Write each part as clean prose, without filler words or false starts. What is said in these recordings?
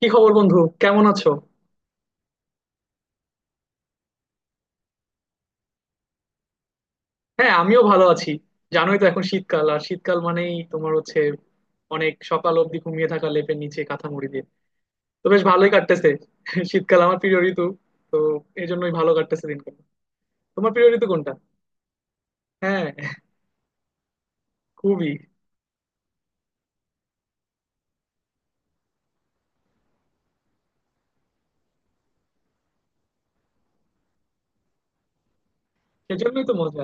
কি খবর বন্ধু? কেমন আছো? হ্যাঁ, আমিও ভালো আছি। জানোই তো এখন শীতকাল, আর শীতকাল মানেই তোমার হচ্ছে অনেক সকাল অবধি ঘুমিয়ে থাকা, লেপের নিচে কাঁথা মুড়ি দিয়ে। তো বেশ ভালোই কাটতেছে। শীতকাল আমার প্রিয় ঋতু, তো এই জন্যই ভালো কাটতেছে দিনকাল। তোমার প্রিয় ঋতু কোনটা? হ্যাঁ। খুবই। সেজন্যই তো মজা।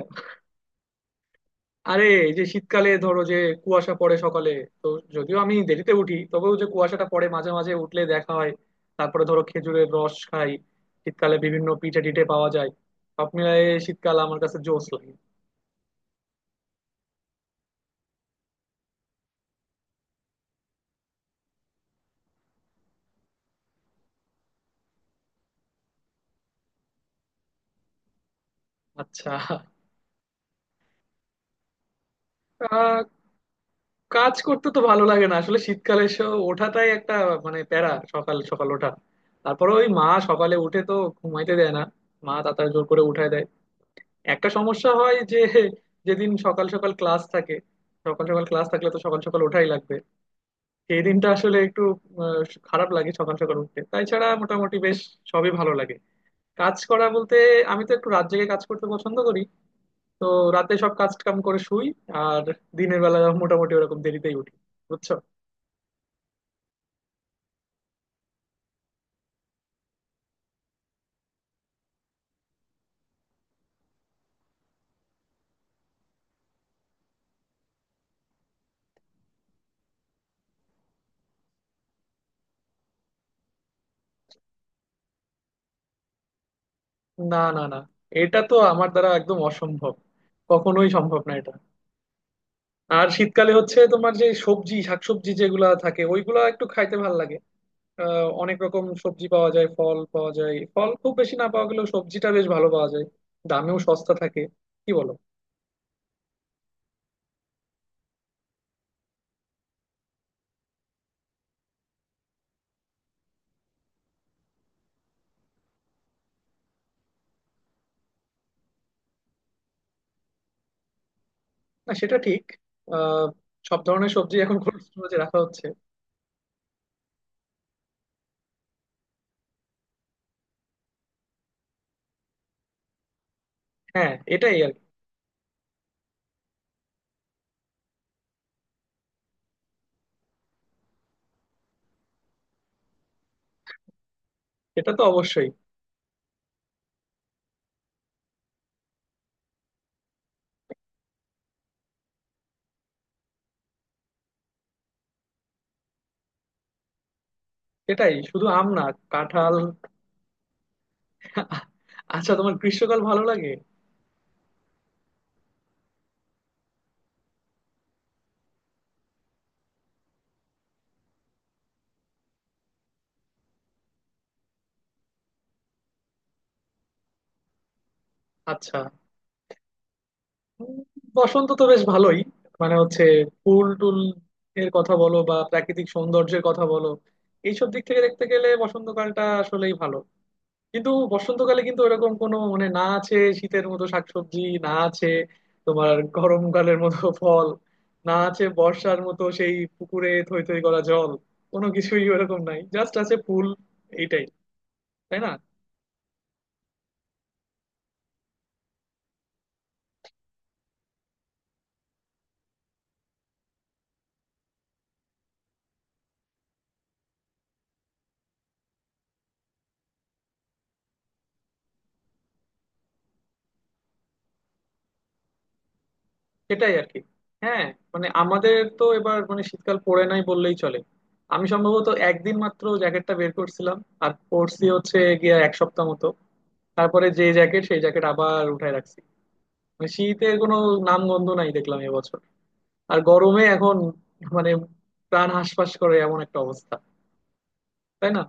আরে এই যে শীতকালে ধরো যে কুয়াশা পড়ে সকালে। তো যদিও আমি দেরিতে উঠি, তবেও যে কুয়াশাটা পড়ে মাঝে মাঝে উঠলে দেখা হয়। তারপরে ধরো খেজুরের রস খাই। শীতকালে বিভিন্ন পিঠে টিঠে পাওয়া যায়। সব মিলায়ে শীতকাল আমার কাছে জোশ লাগে। আচ্ছা। আহ, কাজ করতে তো ভালো লাগে না আসলে শীতকালে ওঠাটাই একটা, মানে প্যারা সকাল সকাল ওঠা। তারপরে ওই মা সকালে উঠে তো ঘুমাইতে দেয় না, মা তাড়াতাড়ি জোর করে উঠায় দেয়। একটা সমস্যা হয় যে, যেদিন সকাল সকাল ক্লাস থাকে, সকাল সকাল ক্লাস থাকলে তো সকাল সকাল ওঠাই লাগবে। সেই দিনটা আসলে একটু আহ, খারাপ লাগে সকাল সকাল উঠতে, তাই ছাড়া মোটামুটি বেশ সবই ভালো লাগে। কাজ করা বলতে, আমি তো একটু রাত জেগে কাজ করতে পছন্দ করি। তো রাতে সব কাজ কাম করে শুই, আর দিনের বেলা মোটামুটি ওরকম দেরিতেই উঠি। বুঝছো? না, না, না, এটা তো আমার দ্বারা একদম অসম্ভব, কখনোই সম্ভব না এটা। আর শীতকালে হচ্ছে তোমার যে সবজি শাকসবজি যেগুলা থাকে ওইগুলা একটু খাইতে ভালো লাগে। অনেক রকম সবজি পাওয়া যায়, ফল পাওয়া যায়। ফল খুব বেশি না পাওয়া গেলেও সবজিটা বেশ ভালো পাওয়া যায়, দামেও সস্তা থাকে। কি বলো? না সেটা ঠিক। আহ সব ধরনের সবজি এখন কোল্ড স্টোরেজে রাখা হচ্ছে। হ্যাঁ এটাই আর কি। এটা তো অবশ্যই। এটাই, শুধু আম না, কাঁঠাল। আচ্ছা, তোমার গ্রীষ্মকাল ভালো লাগে? আচ্ছা। উম, বসন্ত তো বেশ ভালোই, মানে হচ্ছে ফুল টুল এর কথা বলো বা প্রাকৃতিক সৌন্দর্যের কথা বলো, এইসব দিক থেকে দেখতে গেলে বসন্তকালটা আসলেই ভালো। কিন্তু বসন্তকালে কিন্তু ওরকম কোনো মানে না আছে শীতের মতো শাকসবজি, না আছে তোমার গরমকালের মতো ফল, না আছে বর্ষার মতো সেই পুকুরে থই থই করা জল। কোনো কিছুই ওরকম নাই, জাস্ট আছে ফুল। এইটাই। তাই না? সেটাই আর কি। হ্যাঁ, মানে আমাদের তো এবার মানে শীতকাল পড়ে নাই বললেই চলে। আমি সম্ভবত একদিন মাত্র জ্যাকেটটা বের করছিলাম, আর পরছি হচ্ছে গিয়া এক সপ্তাহ মতো। তারপরে যে জ্যাকেট সেই জ্যাকেট আবার উঠায় রাখছি। মানে শীতের কোনো নাম গন্ধ নাই দেখলাম এবছর। আর গরমে এখন মানে প্রাণ হাঁসফাঁস করে এমন একটা অবস্থা। তাই না?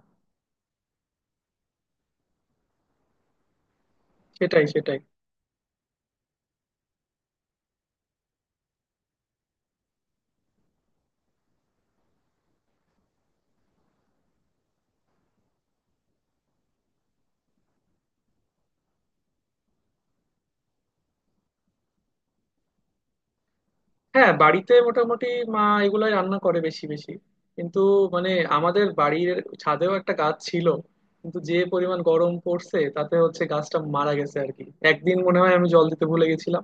সেটাই সেটাই. হ্যাঁ, বাড়িতে মোটামুটি মা এগুলাই রান্না করে বেশি বেশি। কিন্তু মানে আমাদের বাড়ির ছাদেও একটা গাছ ছিল, কিন্তু যে পরিমাণ গরম পড়ছে তাতে হচ্ছে গাছটা মারা গেছে আর কি। একদিন মনে হয় আমি জল দিতে ভুলে গেছিলাম,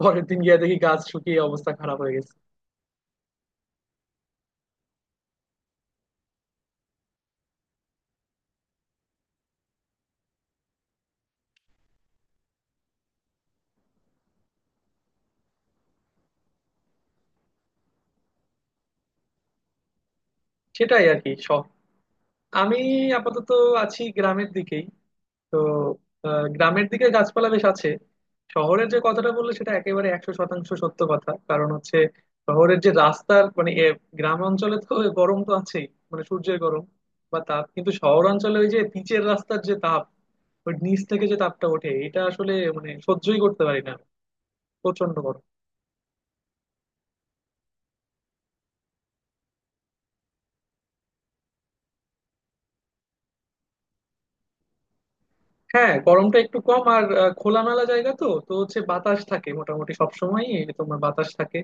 পরের দিন গিয়ে দেখি গাছ শুকিয়ে অবস্থা খারাপ হয়ে গেছে। সেটাই আর কি শখ। আমি আপাতত আছি গ্রামের দিকেই। তো গ্রামের দিকে গাছপালা বেশ আছে। শহরের যে কথাটা বললে সেটা একেবারে 100% সত্য কথা। কারণ হচ্ছে শহরের যে রাস্তার মানে গ্রাম অঞ্চলে তো গরম তো আছেই, মানে সূর্যের গরম বা তাপ, কিন্তু শহর অঞ্চলে ওই যে পিচের রাস্তার যে তাপ, ওই নিচ থেকে যে তাপটা ওঠে এটা আসলে মানে সহ্যই করতে পারি না, প্রচন্ড গরম। হ্যাঁ, গরমটা একটু কম। আর খোলামেলা জায়গা তো তো হচ্ছে বাতাস থাকে মোটামুটি সবসময়। তোমার বাতাস থাকে,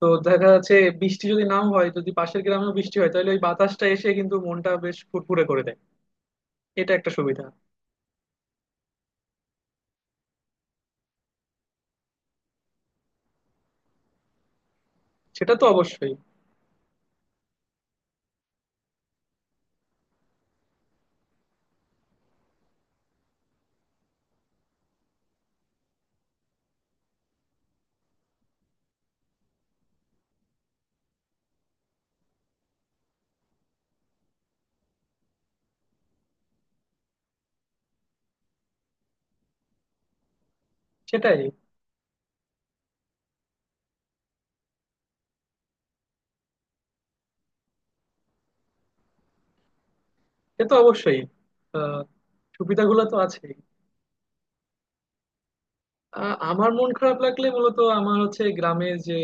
তো দেখা যাচ্ছে বৃষ্টি যদি নাও হয়, যদি পাশের গ্রামেও বৃষ্টি হয় তাহলে ওই বাতাসটা এসে কিন্তু মনটা বেশ ফুরফুরে করে দেয়। এটা একটা সুবিধা। সেটা তো অবশ্যই। সেটাই। সে তো অবশ্যই। আহ সুবিধাগুলো তো আছে। আমার মন খারাপ লাগলে মূলত আমার হচ্ছে গ্রামের যে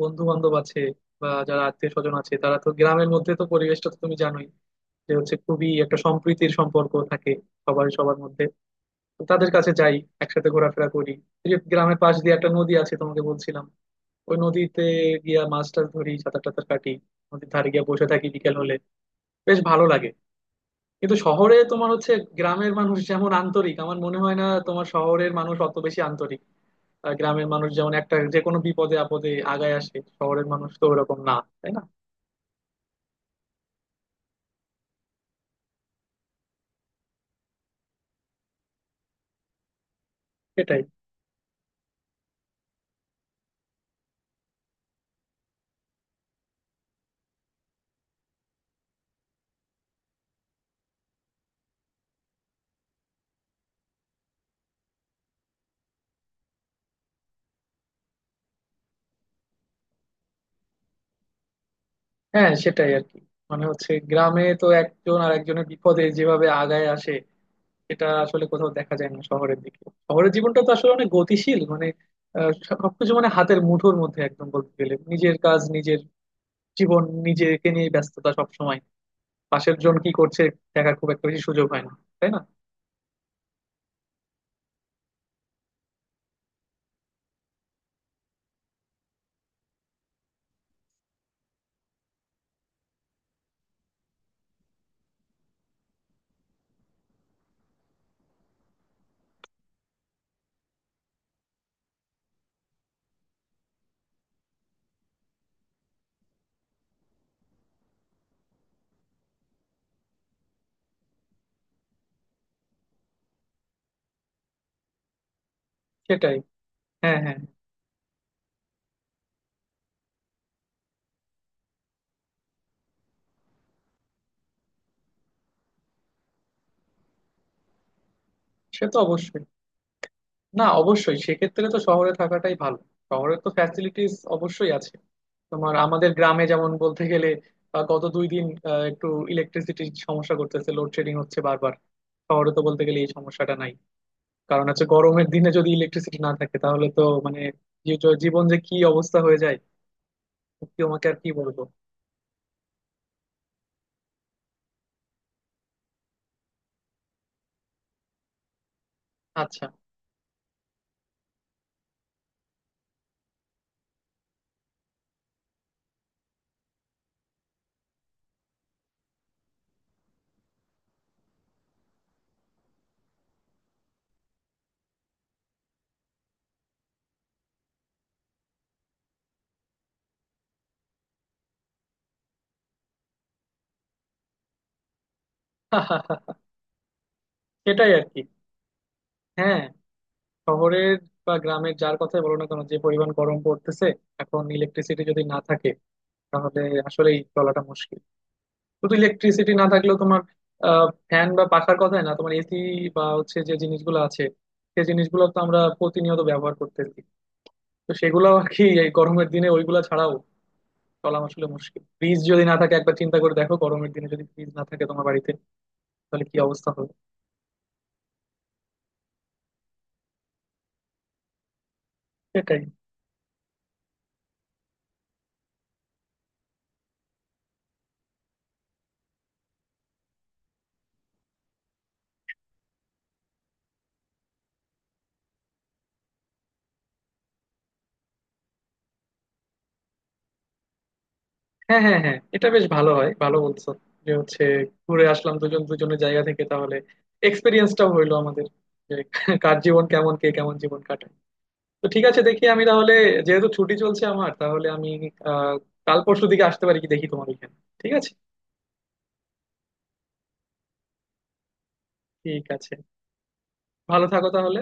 বন্ধু বান্ধব আছে বা যারা আত্মীয় স্বজন আছে, তারা তো গ্রামের মধ্যে তো পরিবেশটা তো তুমি জানোই, যে হচ্ছে খুবই একটা সম্প্রীতির সম্পর্ক থাকে সবার সবার মধ্যে। তো তাদের কাছে যাই, একসাথে ঘোরাফেরা করি। এই যে গ্রামের পাশ দিয়ে একটা নদী আছে তোমাকে বলছিলাম, ওই নদীতে গিয়া মাছ টাছ ধরি, সাঁতার টাতার কাটি, নদীর ধারে গিয়া বসে থাকি বিকেল হলে, বেশ ভালো লাগে। কিন্তু শহরে তোমার হচ্ছে গ্রামের মানুষ যেমন আন্তরিক, আমার মনে হয় না তোমার শহরের মানুষ অত বেশি আন্তরিক। আর গ্রামের মানুষ যেমন একটা যে কোনো বিপদে আপদে আগায় আসে, শহরের মানুষ তো ওরকম না। তাই না? সেটাই। হ্যাঁ, সেটাই আর কি। মানে হচ্ছে গ্রামে তো একজন আর একজনের বিপদে যেভাবে আগায় আসে, এটা আসলে কোথাও দেখা যায় না শহরের দিকে। শহরের জীবনটা তো আসলে অনেক গতিশীল, মানে সবকিছু মানে হাতের মুঠোর মধ্যে একদম, বলতে গেলে নিজের কাজ, নিজের জীবন, নিজেকে নিয়ে ব্যস্ততা সব সময়। পাশের জন কি করছে দেখার খুব একটা বেশি সুযোগ হয় না। তাই না? সেটাই। হ্যাঁ, হ্যাঁ। সে তো অবশ্যই। না অবশ্যই সেক্ষেত্রে তো শহরে থাকাটাই ভালো, শহরের তো ফ্যাসিলিটিস অবশ্যই আছে। তোমার আমাদের গ্রামে যেমন বলতে গেলে গত 2 দিন একটু ইলেকট্রিসিটির সমস্যা করতেছে, লোডশেডিং হচ্ছে বারবার। শহরে তো বলতে গেলে এই সমস্যাটা নাই। কারণ হচ্ছে গরমের দিনে যদি ইলেকট্রিসিটি না থাকে তাহলে তো মানে জীবন যে কি অবস্থা হয়ে যায়, সত্যি তোমাকে আর কি বলবো। আচ্ছা। সেটাই আর কি। হ্যাঁ, শহরের বা গ্রামের যার কথাই বলো না কেন, যে পরিমাণ গরম পড়তেছে এখন, ইলেকট্রিসিটি যদি না থাকে তাহলে আসলেই চলাটা মুশকিল। শুধু ইলেকট্রিসিটি না থাকলেও তোমার ফ্যান বা পাখার কথাই না, তোমার এসি বা হচ্ছে যে জিনিসগুলো আছে সেই জিনিসগুলো তো আমরা প্রতিনিয়ত ব্যবহার করতেছি, তো সেগুলো আর কি এই গরমের দিনে ওইগুলা ছাড়াও চলা আসলে মুশকিল। ফ্রিজ যদি না থাকে, একবার চিন্তা করে দেখো, গরমের দিনে যদি ফ্রিজ না থাকে তোমার বাড়িতে, তাহলে কি অবস্থা হবে। সেটাই। হ্যাঁ, হ্যাঁ, হ্যাঁ, এটা বেশ ভালো হয়, ভালো বলছো। যে হচ্ছে ঘুরে আসলাম দুজন দুজনের জায়গা থেকে, তাহলে এক্সপিরিয়েন্সটাও হইলো আমাদের যে কার জীবন কেমন, কে কেমন জীবন কাটায়। তো ঠিক আছে, দেখি আমি তাহলে, যেহেতু ছুটি চলছে আমার তাহলে আমি আহ কাল পরশু দিকে আসতে পারি কি, দেখি তোমার এখানে। ঠিক আছে। ঠিক আছে। ভালো থাকো তাহলে।